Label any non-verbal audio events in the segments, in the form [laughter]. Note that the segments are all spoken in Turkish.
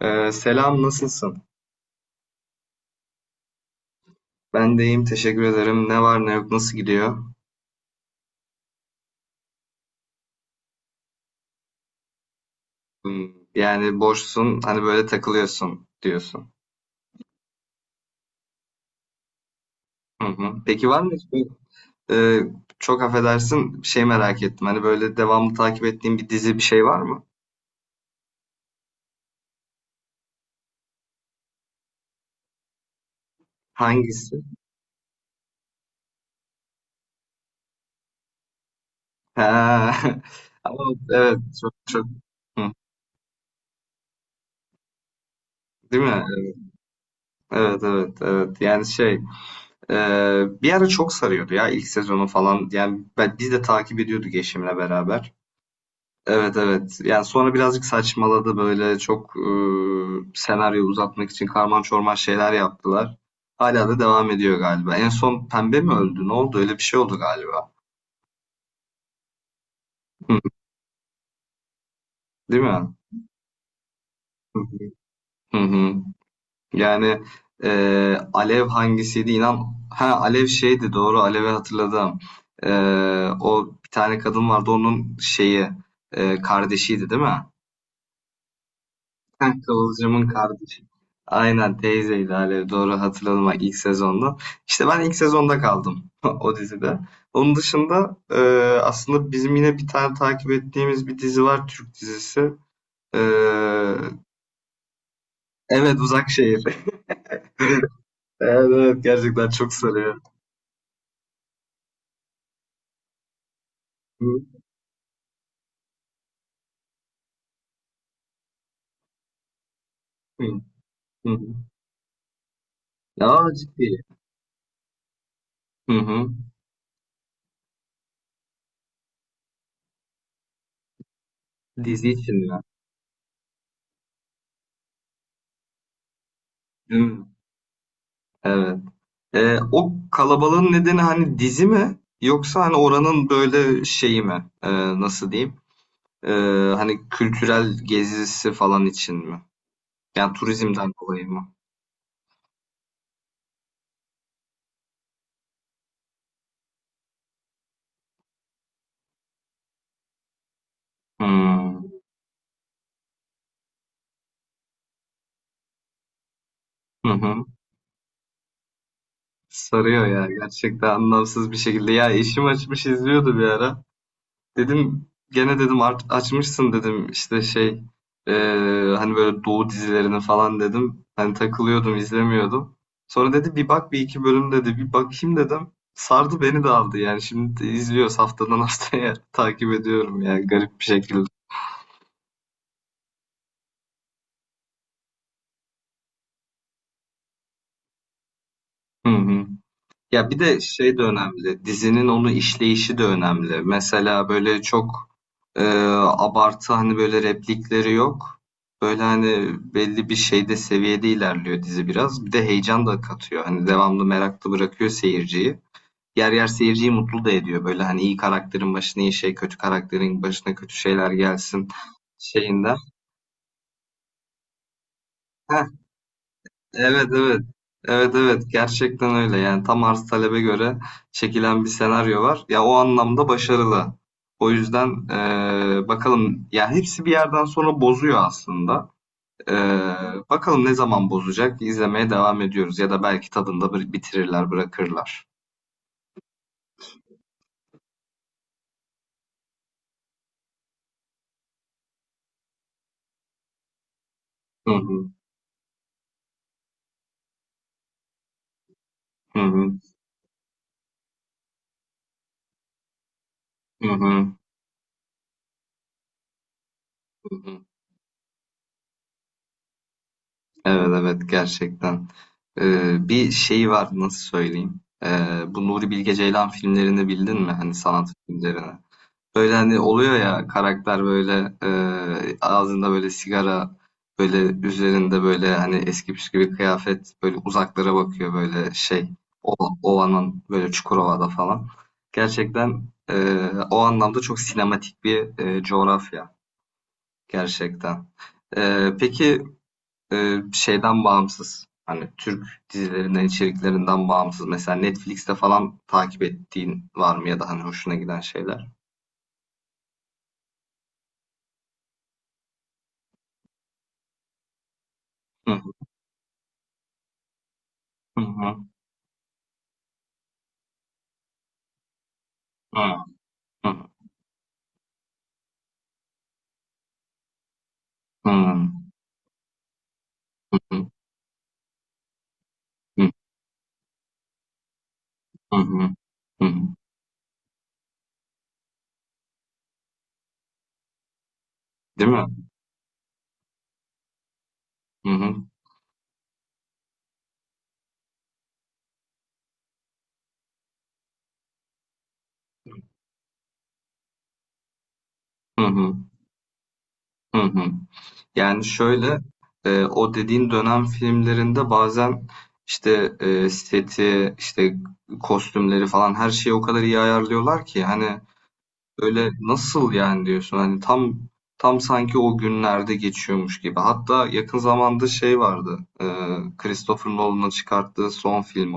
Selam, nasılsın? Ben de iyiyim, teşekkür ederim. Ne var ne yok, nasıl gidiyor? Yani boşsun, hani böyle takılıyorsun diyorsun. Hı hı. Peki var mı hiç böyle- Ee, Çok affedersin, bir şey merak ettim. Hani böyle devamlı takip ettiğin bir dizi bir şey var mı? Hangisi? Ha. [laughs] Ama evet, çok çok. Hı. Değil mi? Evet evet evet, yani şey, e, bir ara çok sarıyordu ya ilk sezonu falan, yani ben, biz de takip ediyorduk eşimle beraber. Evet evet. Yani sonra birazcık saçmaladı böyle çok, senaryoyu uzatmak için karman çorman şeyler yaptılar. Hala da devam ediyor galiba. En son Pembe mi öldü? Ne oldu? Öyle bir şey oldu galiba. Hı. Değil mi? Hı hı. Hı hı. Yani Alev hangisiydi? İnan, ha Alev şeydi, doğru, Alev'i hatırladım. E, O bir tane kadın vardı, onun şeyi, kardeşiydi değil mi? Ha, Kıvılcım'ın kardeşi. Aynen teyzeydi Alev, doğru hatırladım bak, ilk sezonda. İşte ben ilk sezonda kaldım [laughs] o dizide. Onun dışında, aslında bizim yine bir tane takip ettiğimiz bir dizi var, Türk dizisi. E, evet, Uzak Şehir. [laughs] Evet, evet, gerçekten çok sarıyor. Hı, hı, hı. Ya ciddi. Hı hı. Dizi için ya. Değil mi? Evet. O kalabalığın nedeni hani dizi mi? Yoksa hani oranın böyle şeyi mi? Nasıl diyeyim? Ee, Hani kültürel gezisi falan için mi? Yani turizmden dolayı mı? Hmm. Hı hı. Sarıyor ya, gerçekten anlamsız bir şekilde. Ya eşim açmış izliyordu bir ara. Dedim, gene dedim, art- açmışsın dedim, işte şey, hani böyle Doğu dizilerini falan dedim. Hani takılıyordum, izlemiyordum. Sonra dedi bir bak bir iki bölüm, dedi bir bakayım dedim. Sardı, beni de aldı yani, şimdi de izliyoruz haftadan haftaya [laughs] takip ediyorum yani, garip bir şekilde. Hı hı. Ya bir de şey de önemli, dizinin onu işleyişi de önemli. Mesela böyle çok, Ee, abartı hani böyle replikleri yok. Böyle hani belli bir şeyde, seviyede ilerliyor dizi biraz. Bir de heyecan da katıyor. Hani devamlı meraklı bırakıyor seyirciyi. Yer yer seyirciyi mutlu da ediyor. Böyle hani iyi karakterin başına iyi şey, kötü karakterin başına kötü şeyler gelsin şeyinden. Heh, evet evet. Evet evet, gerçekten öyle. Yani tam arz talebe göre çekilen bir senaryo var. Ya o anlamda başarılı. O yüzden bakalım ya, hepsi bir yerden sonra bozuyor aslında. Ee, Bakalım ne zaman bozacak? İzlemeye devam ediyoruz, ya da belki tadında bir bitirirler, bırakırlar. Hı hı, hı hı, hı hı, hı hı. Evet evet, gerçekten. Bir şey var, nasıl söyleyeyim? Bu Nuri Bilge Ceylan filmlerini bildin mi? Hani sanat filmlerini. Böyle hani oluyor ya karakter böyle, ağzında böyle sigara, böyle üzerinde böyle hani eski püskü bir kıyafet, böyle uzaklara bakıyor böyle şey, o, Ova'nın böyle, Çukurova'da falan. Gerçekten o anlamda çok sinematik bir coğrafya gerçekten. Peki şeyden bağımsız, hani Türk dizilerinden, içeriklerinden bağımsız mesela Netflix'te falan takip ettiğin var mı, ya da hani hoşuna giden şeyler? Hı hı hı. Hı hı, hı hı, hı hı, hı. Değil mi? Hı hı, hı hı, hı hı. Yani şöyle, o dediğin dönem filmlerinde bazen işte, seti, işte kostümleri falan, her şeyi o kadar iyi ayarlıyorlar ki hani, öyle nasıl yani diyorsun, hani tam sanki o günlerde geçiyormuş gibi. Hatta yakın zamanda şey vardı, Christopher Nolan'ın çıkarttığı son film.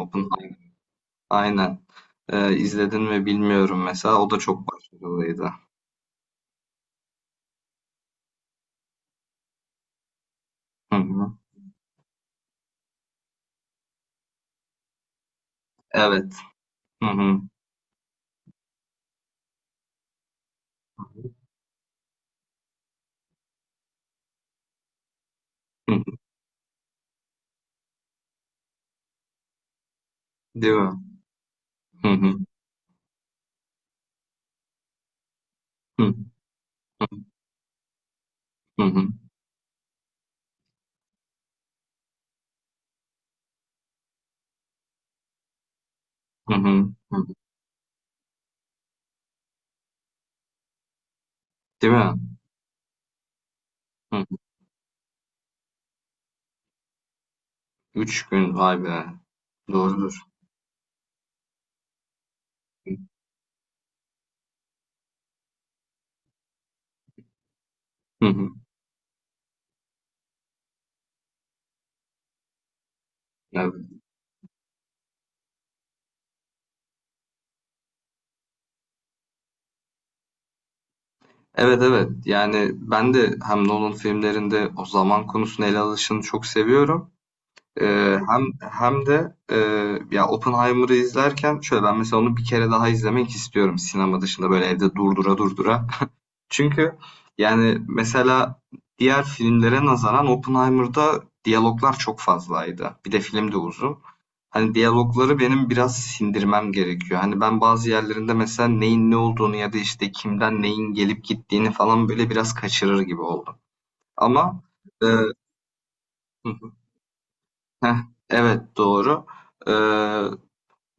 Aynen. İzledin mi bilmiyorum mesela. O da çok başarılıydı. Hı hı. Evet. Hı hı. Hı hı. Değil mi? Hı hı. Hı hı. Hı hı. Hı hı. Değil mi? Hı hı. Üç gün vay be. Doğrudur. Hı hı. Evet. Evet evet. Yani ben de hem Nolan filmlerinde o zaman konusunu ele alışını çok seviyorum. Ee, hem hem de ya Oppenheimer'ı izlerken şöyle, ben mesela onu bir kere daha izlemek istiyorum sinema dışında, böyle evde durdura durdura. Çünkü yani, mesela diğer filmlere nazaran Oppenheimer'da diyaloglar çok fazlaydı. Bir de film de uzun. Hani diyalogları benim biraz sindirmem gerekiyor. Hani ben bazı yerlerinde mesela neyin ne olduğunu, ya da işte kimden neyin gelip gittiğini falan böyle biraz kaçırır gibi oldum. Ama e, [laughs] heh, evet doğru. E,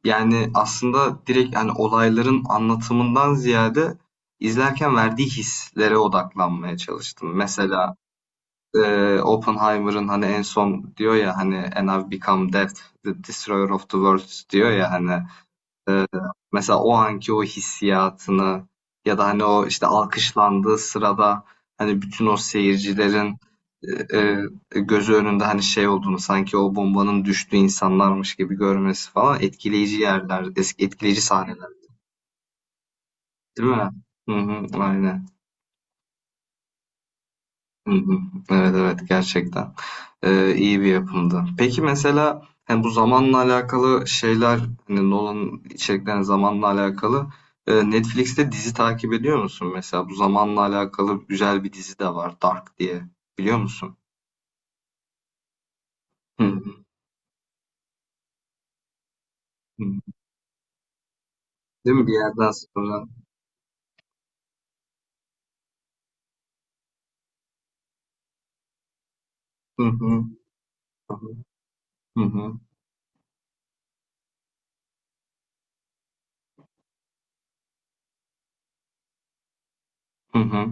Yani aslında direkt hani olayların anlatımından ziyade, izlerken verdiği hislere odaklanmaya çalıştım. Mesela Oppenheimer'ın hani en son diyor ya hani, "And I've become death, the destroyer of the world" diyor ya hani, e, mesela o anki o hissiyatını, ya da hani o işte alkışlandığı sırada hani bütün o seyircilerin e, gözü önünde, hani şey olduğunu, sanki o bombanın düştüğü insanlarmış gibi görmesi falan, etkileyici yerler, eski etkileyici sahneler değil mi? Hı hı, aynen. Hı hı. Evet evet gerçekten. İyi bir yapımdı. Peki mesela hani bu zamanla alakalı şeyler, hani Nolan'ın içeriklerine zamanla alakalı, Netflix'te dizi takip ediyor musun mesela? Bu zamanla alakalı güzel bir dizi de var, Dark diye, biliyor musun? Hı hı. Hı. Değil mi bir yerden sonra? Hı hı. Hı hı. Hı hı.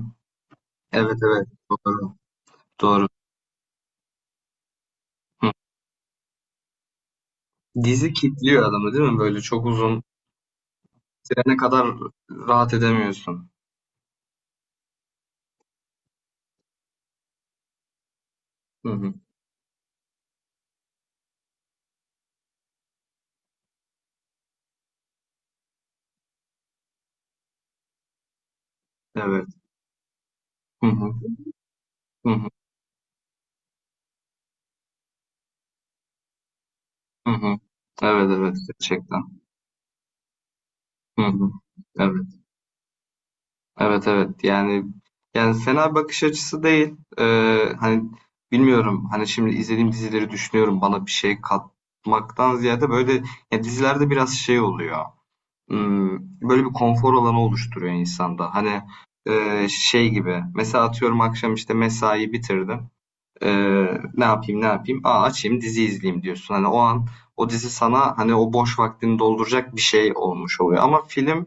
Evet evet, doğru doğru. Hı. Dizi kitliyor adamı değil mi? Böyle çok uzun sürene kadar rahat edemiyorsun. Hı hı. Evet. Hı hı. Hı hı. Hı hı. Evet, evet gerçekten. Hı hı. Evet. Evet, evet. Yani fena bakış açısı değil. Hani bilmiyorum. Hani şimdi izlediğim dizileri düşünüyorum, bana bir şey katmaktan ziyade böyle, ya dizilerde biraz şey oluyor. Hmm, böyle bir konfor alanı oluşturuyor insanda. Hani şey gibi. Mesela atıyorum akşam işte mesai bitirdim. Ne yapayım ne yapayım? Aa açayım dizi izleyeyim diyorsun. Hani o an o dizi sana hani o boş vaktini dolduracak bir şey olmuş oluyor. Ama film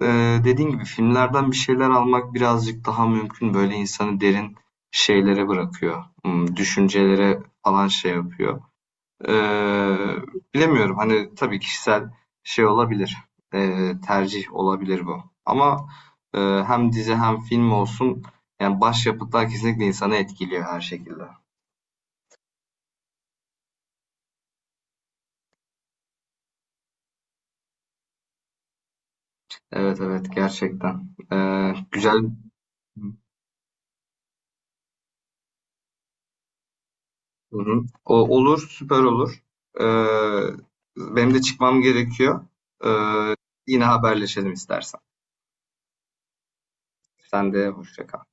dediğin gibi filmlerden bir şeyler almak birazcık daha mümkün. Böyle insanı derin şeylere bırakıyor. Hmm, düşüncelere falan şey yapıyor. Eee, Bilemiyorum hani, tabii kişisel şey olabilir. Tercih olabilir bu. Ama hem dizi hem film olsun, yani başyapıtlar kesinlikle insanı etkiliyor her şekilde. Evet evet, gerçekten. Güzel. Hı hı. O, olur, süper olur. Ee, Benim de çıkmam gerekiyor. Ee, Yine haberleşelim istersen. Sen de hoşça kal.